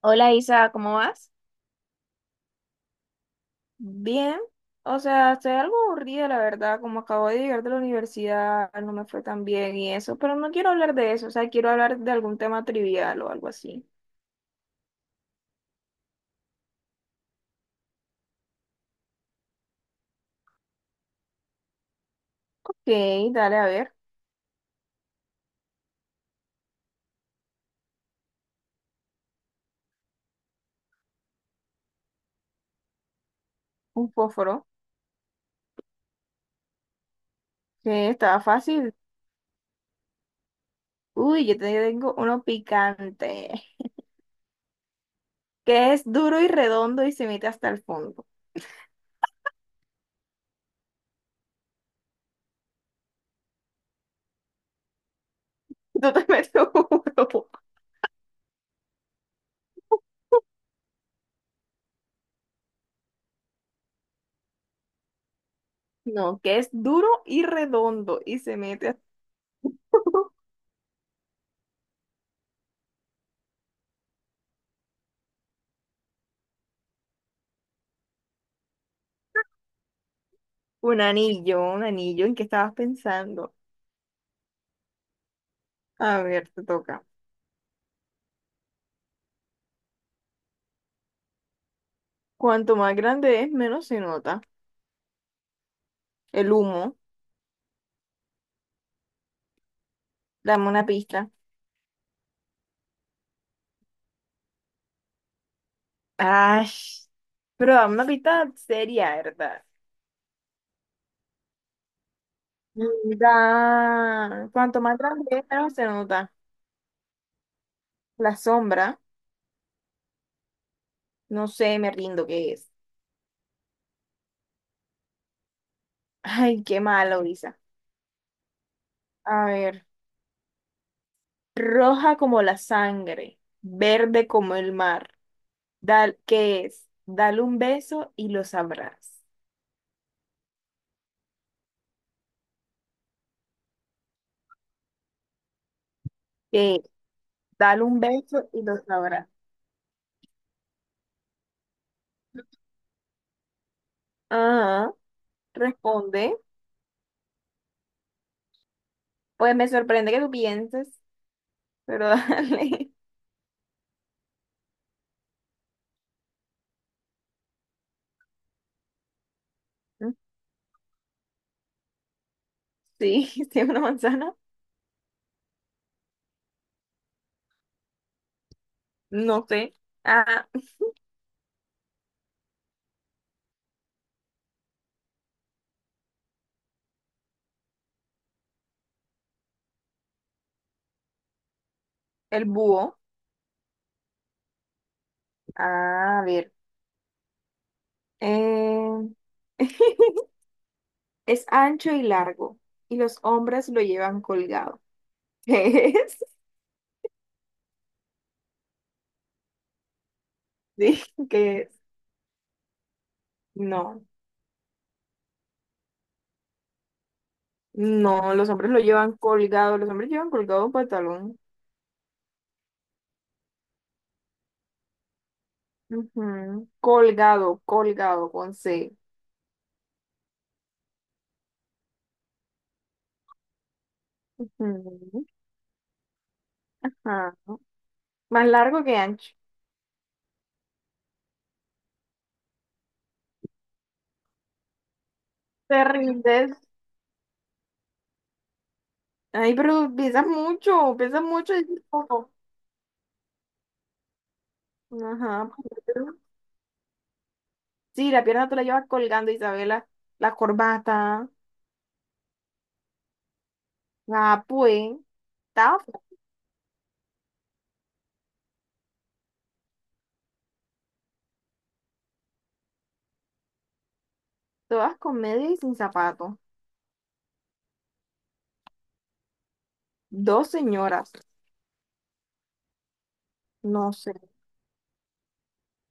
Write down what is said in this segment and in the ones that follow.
Hola Isa, ¿cómo vas? Bien, o sea, estoy algo aburrida, la verdad, como acabo de llegar de la universidad, no me fue tan bien y eso, pero no quiero hablar de eso, o sea, quiero hablar de algún tema trivial o algo así. Ok, dale, a ver, un fósforo, que estaba fácil. Uy, yo te tengo uno picante, que es duro y redondo y se mete hasta el fondo. No te metes uno. No, que es duro y redondo y se mete hasta... un anillo, ¿en qué estabas pensando? A ver, te toca. Cuanto más grande es, menos se nota. El humo. Dame una pista. Ay, pero dame una pista seria, ¿verdad? Cuanto más grande es, menos se nota. La sombra. No sé, me rindo, ¿qué es? Ay, qué malo, Isa. A ver. Roja como la sangre. Verde como el mar. Dal, ¿qué es? Dale un beso y lo sabrás. ¿Qué? Dale un beso y lo sabrás. Ah. Responde. Pues me sorprende que tú pienses, pero dale. Sí, sí, una manzana. No sé. Ah, el búho. Ah, a ver. Eh, Es ancho y largo, y los hombres lo llevan colgado. ¿Qué es? Sí, ¿qué es? No, no, los hombres lo llevan colgado, los hombres llevan colgado un pantalón. Ujú. Colgado, colgado, con C. Ujú. Ajá. Más largo que ancho. Te rindes. Ay, pero pesas mucho, dices poco. Ajá, pues, sí, la pierna tú la llevas colgando, Isabela. La corbata, la pues, tafa. Todas con media y sin zapato. Dos señoras, no sé.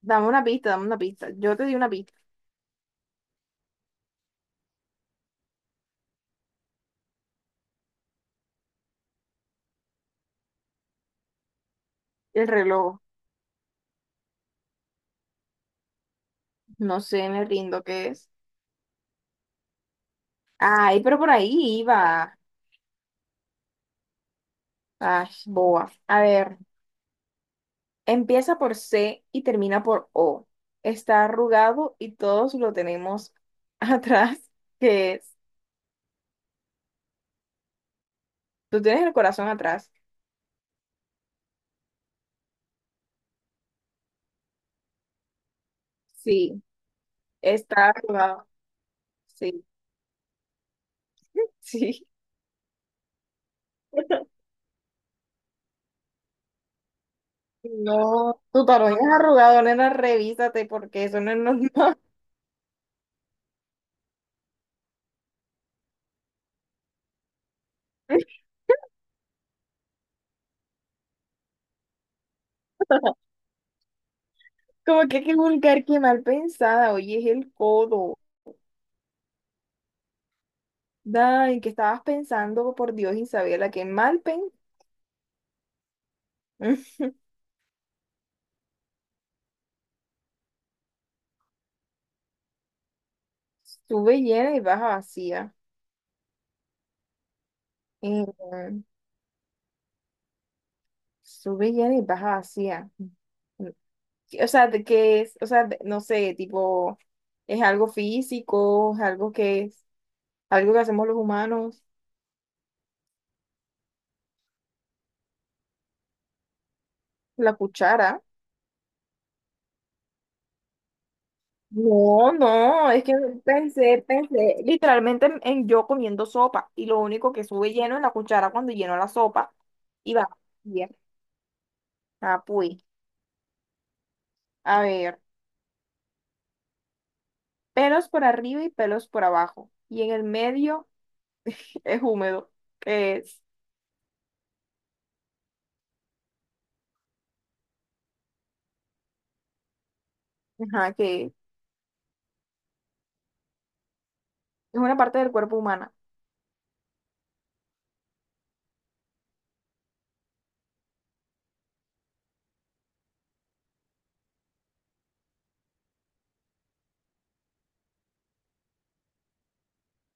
Dame una pista, dame una pista. Yo te di una pista. El reloj, no sé, me rindo qué es. Ay, pero por ahí iba. Ay, boba. A ver. Empieza por C y termina por O. Está arrugado y todos lo tenemos atrás, que es. Tú tienes el corazón atrás. Sí, está arrugado. Sí, sí. No, tu talón es arrugado, nena, revísate porque eso no es normal. Como que qué vulgar, qué mal pensada. Oye, es el codo. Ay, ¿qué estabas pensando? Por Dios, Isabela, qué mal pensada. Sube llena y baja vacía. Eh, sube villana y baja vacía. Mm, o sea, de que es, o sea, no sé, tipo, es algo físico, es, algo que hacemos los humanos, la cuchara. No, no, es que pensé literalmente en yo comiendo sopa y lo único que sube lleno es la cuchara cuando lleno la sopa y va bien. Ah, pues, a ver, pelos por arriba y pelos por abajo y en el medio es húmedo, que es, ajá, que es una parte del cuerpo humana.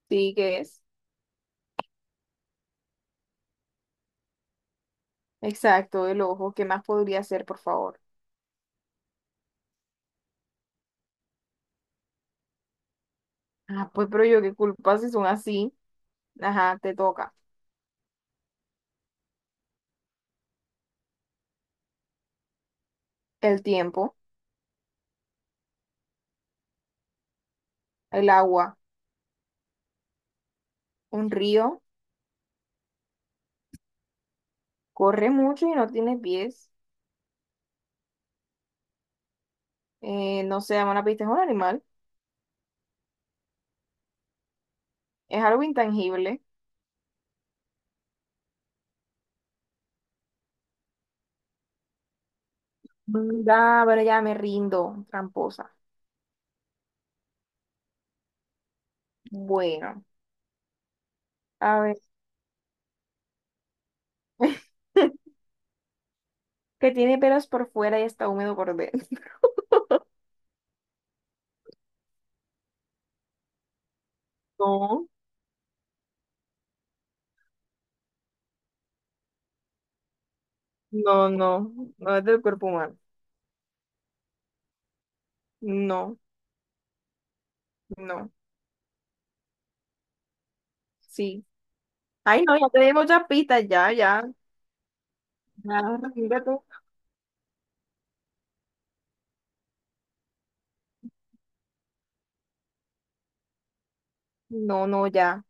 Sí, que es. Exacto, el ojo. ¿Qué más podría ser, por favor? Ah, pues, pero yo qué culpa si son así. Ajá, te toca. El tiempo, el agua, un río, corre mucho y no tiene pies. No se llama una pista, es un animal. Es algo intangible. Mm, ah, pero ya me rindo, tramposa. Bueno, a ver. Que tiene pelos por fuera y está húmedo por dentro. No, no, no, no es del cuerpo humano. No, no. Sí. Ay, no, ya te di muchas pistas, ya, ya. Ya, mírate. No, no, ya.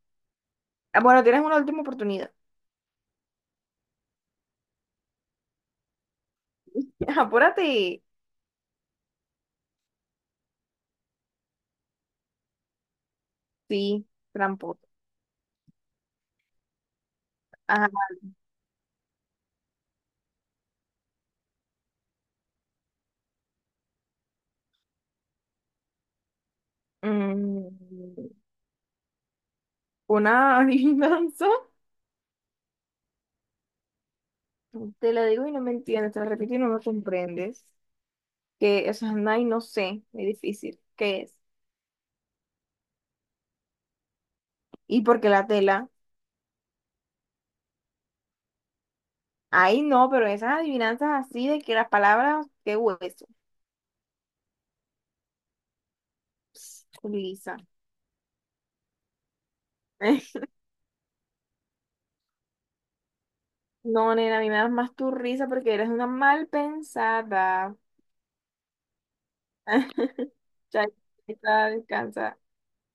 Ah, bueno, tienes una última oportunidad. Apúrate. Sí, tramposo. Ajá. Mm, una adivinanza. Te la digo y no me entiendes, te la repito y no me comprendes. Que eso es ay, no sé, muy difícil. ¿Qué es? ¿Y por qué la tela? Ay, no, pero esas adivinanzas así de que las palabras, qué hueso. Pss, Lisa. No, nena, a mí me das más tu risa porque eres una mal pensada. Chaita, descansa.